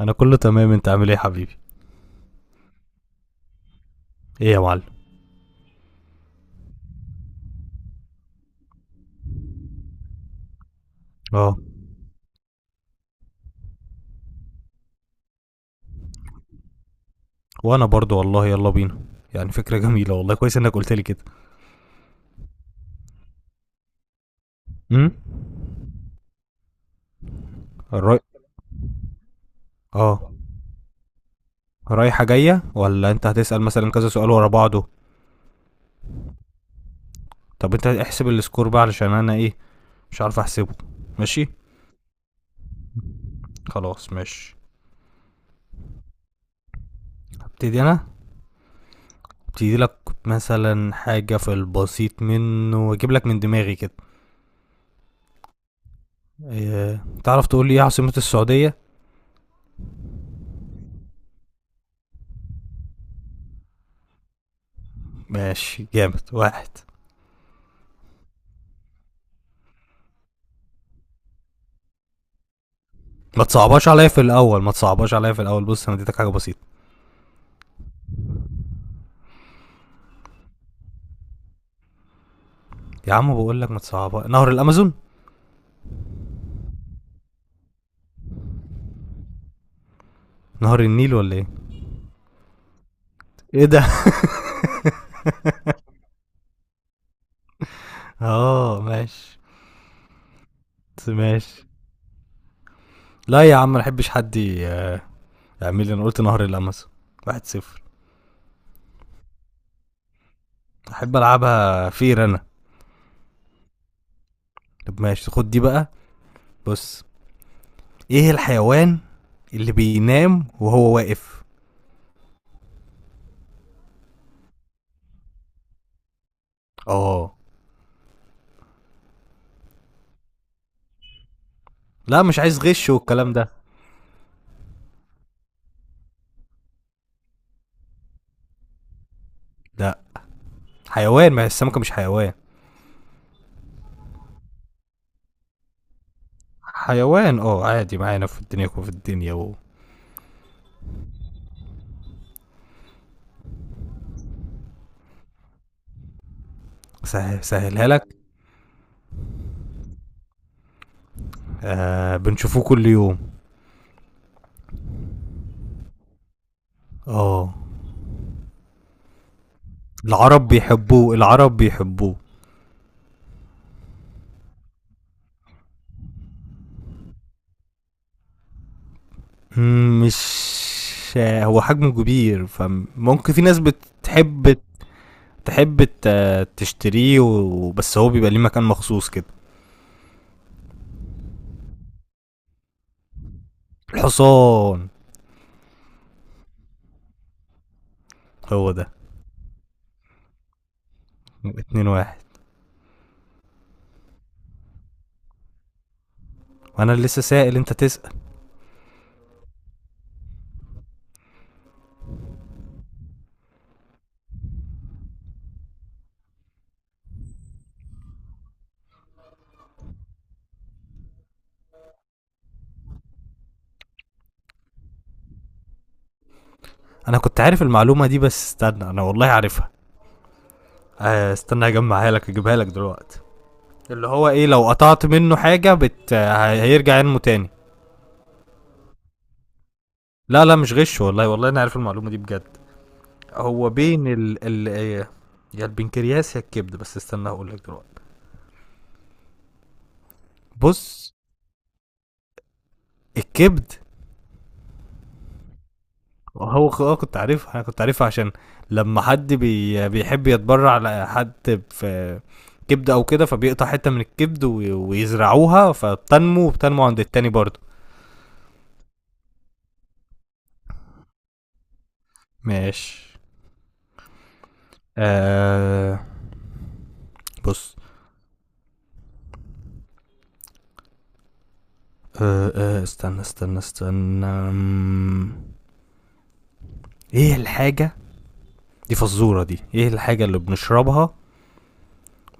انا كله تمام، انت عامل ايه يا حبيبي؟ ايه يا معلم؟ اه. وانا برضو والله، يلا بينا. يعني فكرة جميلة والله، كويس انك قلت لي كده. امم الراي. اه. رايحة جاية ولا انت هتسأل مثلا كذا سؤال ورا بعضه؟ طب انت احسب السكور بقى علشان انا ايه، مش عارف احسبه. ماشي. خلاص ماشي. هبتدي انا، ابتدي لك مثلا حاجة في البسيط منه واجيب لك من دماغي كده. إيه، تعرف تقول لي ايه عاصمة السعودية؟ ماشي، جامد واحد. ما تصعبهاش عليا في الاول، ما تصعبهاش عليا في الاول. بص، انا اديتك حاجه بسيطه. يا عم بقول لك ما تصعبها، نهر الامازون. نهر النيل ولا ايه؟ ايه ده؟ اه ماشي ماشي. لا يا عم، ما احبش حد يعمل لي، انا قلت نهر الامازون، واحد صفر. احب العبها فير انا. طب ماشي، خد دي بقى. بص، ايه الحيوان اللي بينام وهو واقف؟ اه. لا مش عايز غش والكلام ده. لا حيوان، ما هي السمكه مش حيوان. حيوان اه، عادي معانا في الدنيا وفي الدنيا سهل، سهلها لك. آه، بنشوفوه كل يوم. اه. العرب بيحبوه، العرب بيحبوه. مم، مش آه، هو حجمه كبير، فممكن في ناس بتحب تحب تشتريه بس هو بيبقى ليه مكان مخصوص كده. الحصان، هو ده. يبقى اتنين واحد. وانا اللي لسه سائل انت تسأل. انا كنت عارف المعلومة دي، بس استنى انا والله عارفها. آه، استنى اجمعها لك، اجيبها لك دلوقتي. اللي هو ايه، لو قطعت منه حاجة هيرجع ينمو تاني. لا لا، مش غش والله، والله انا عارف المعلومه دي بجد. هو بين ال إيه، يا البنكرياس يا الكبد، بس استنى هقول لك دلوقتي. بص، الكبد. هو كنت عارفها، انا كنت عارفها عشان لما حد بيحب يتبرع لحد في كبد او كده، فبيقطع حته من الكبد ويزرعوها، فبتنمو وبتنمو عند التاني برضه. ماشي. آه، بص. آه آه، استنى استنى استنى، ايه الحاجه دي؟ فزورة، دي ايه الحاجة اللي بنشربها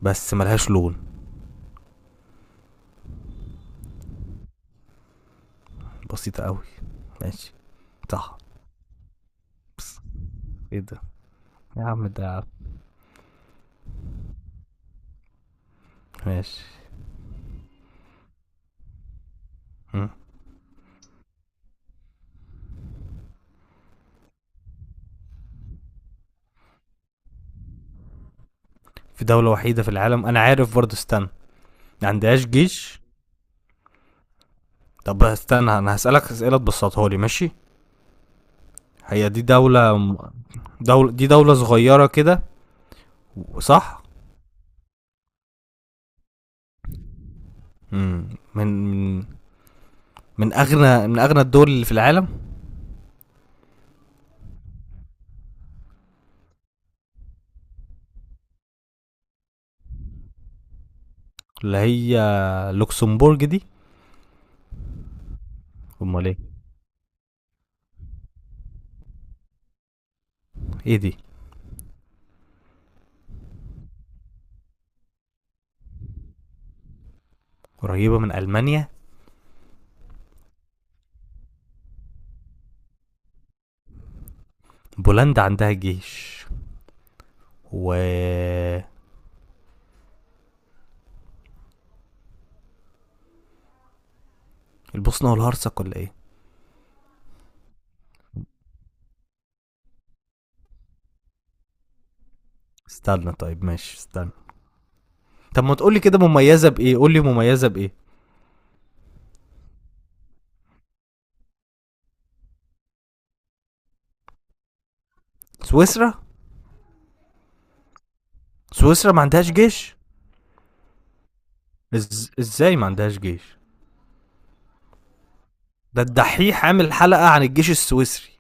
بس ملهاش لون؟ بسيطة قوي. ماشي، صح. بس ايه ده، يا عم ده. ماشي. مم. في دولة وحيدة في العالم، انا عارف برضه، استنى. ما عندهاش جيش. طب استنى، انا هسألك اسئلة تبسطها لي، ماشي. هي دي دولة، دولة، دي دولة صغيرة كده صح؟ مم. من من اغنى، من اغنى الدول اللي في العالم. اللي هي لوكسمبورج دي؟ امال ايه، ايه دي؟ قريبة من المانيا. بولندا عندها جيش، و البوسنة والهرسك ولا ايه؟ استنى طيب ماشي استنى. طب ما تقولي كده مميزة بإيه؟ قولي مميزة بإيه؟ سويسرا؟ سويسرا ما عندهاش جيش؟ ازاي ما عندهاش جيش؟ ده الدحيح عامل حلقة عن الجيش السويسري.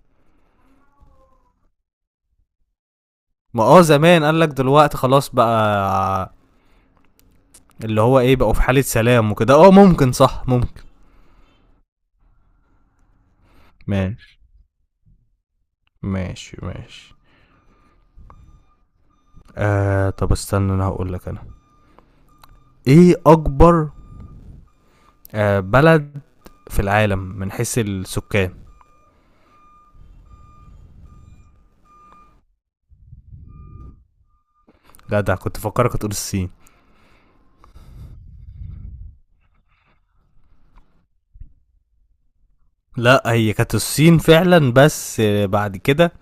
ما اه زمان، قال لك دلوقتي خلاص بقى. اللي هو ايه، بقوا في حالة سلام وكده، اه ممكن، صح ممكن. ماشي ماشي ماشي. آه طب استنى، انا هقول لك انا. ايه اكبر آه، بلد في العالم من حيث السكان؟ لا ده كنت فكرك هتقول الصين. لا، هي كانت الصين فعلا، بس آه، بعد كده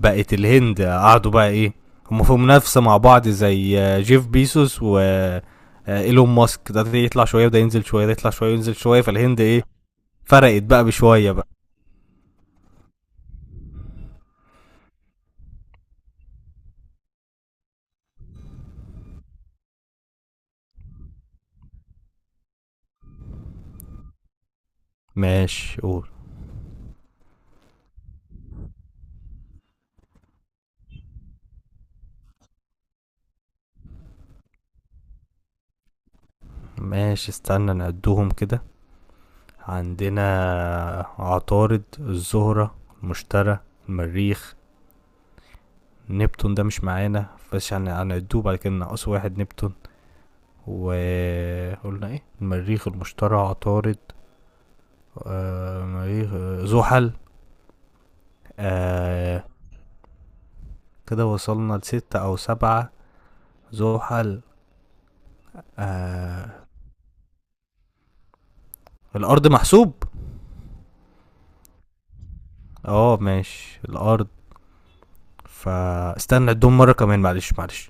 بقت الهند. قعدوا بقى ايه، هم في منافسة مع بعض زي آه، جيف بيسوس و آه، ايلون ماسك، ده يطلع شوية وده ينزل شوية، ده يطلع شوية وينزل شوية. فالهند ايه، فرقت بقى بشوية بقى. ماشي، قول. ماشي، استنى نعدهم كده. عندنا عطارد، الزهرة، المشتري، المريخ، نبتون ده مش معانا بس يعني هنعدوه بعد كده، ناقص واحد نبتون. وقلنا ايه، المريخ، المشتري، عطارد، آه مريخ، آه، زحل. آه. كده وصلنا لستة او سبعة. زحل. آه. الارض محسوب؟ اه ماشي الارض. فاستنى عدهم مرة كمان، معلش معلش.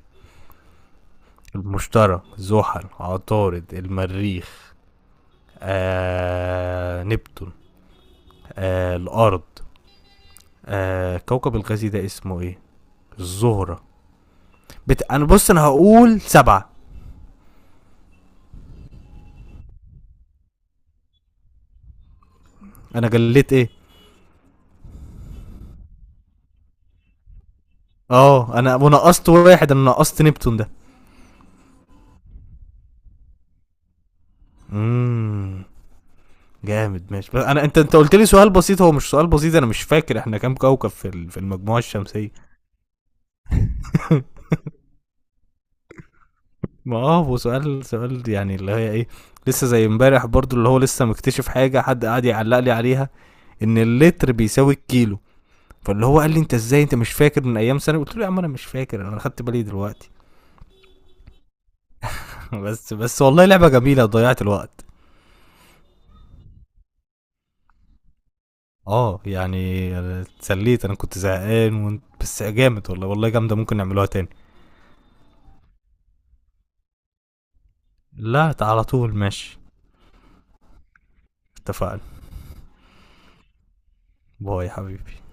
المشتري، زحل، عطارد، المريخ، آه نبتون، آه الارض، آه كوكب الغازي ده اسمه ايه، الزهرة. انا بص، انا هقول سبعة. انا جليت ايه. اه انا ونقصت واحد، انا نقصت نبتون ده. امم، جامد ماشي. بس انا انت قلت لي سؤال بسيط، هو مش سؤال بسيط، انا مش فاكر احنا كام كوكب في في المجموعة الشمسية. ما اه، هو سؤال سؤال يعني، اللي هي ايه، لسه زي امبارح برضو، اللي هو لسه مكتشف حاجة حد قاعد يعلق لي عليها ان اللتر بيساوي الكيلو. فاللي هو قال لي انت ازاي انت مش فاكر من ايام سنة، قلت له يا عم انا مش فاكر، انا خدت بالي دلوقتي. بس بس والله لعبة جميلة، ضيعت الوقت. اه يعني، اتسليت، انا كنت زهقان. وانت بس جامد والله، والله جامدة، ممكن نعملوها تاني. لا على طول ماشي. اتفقنا. باي يا حبيبي.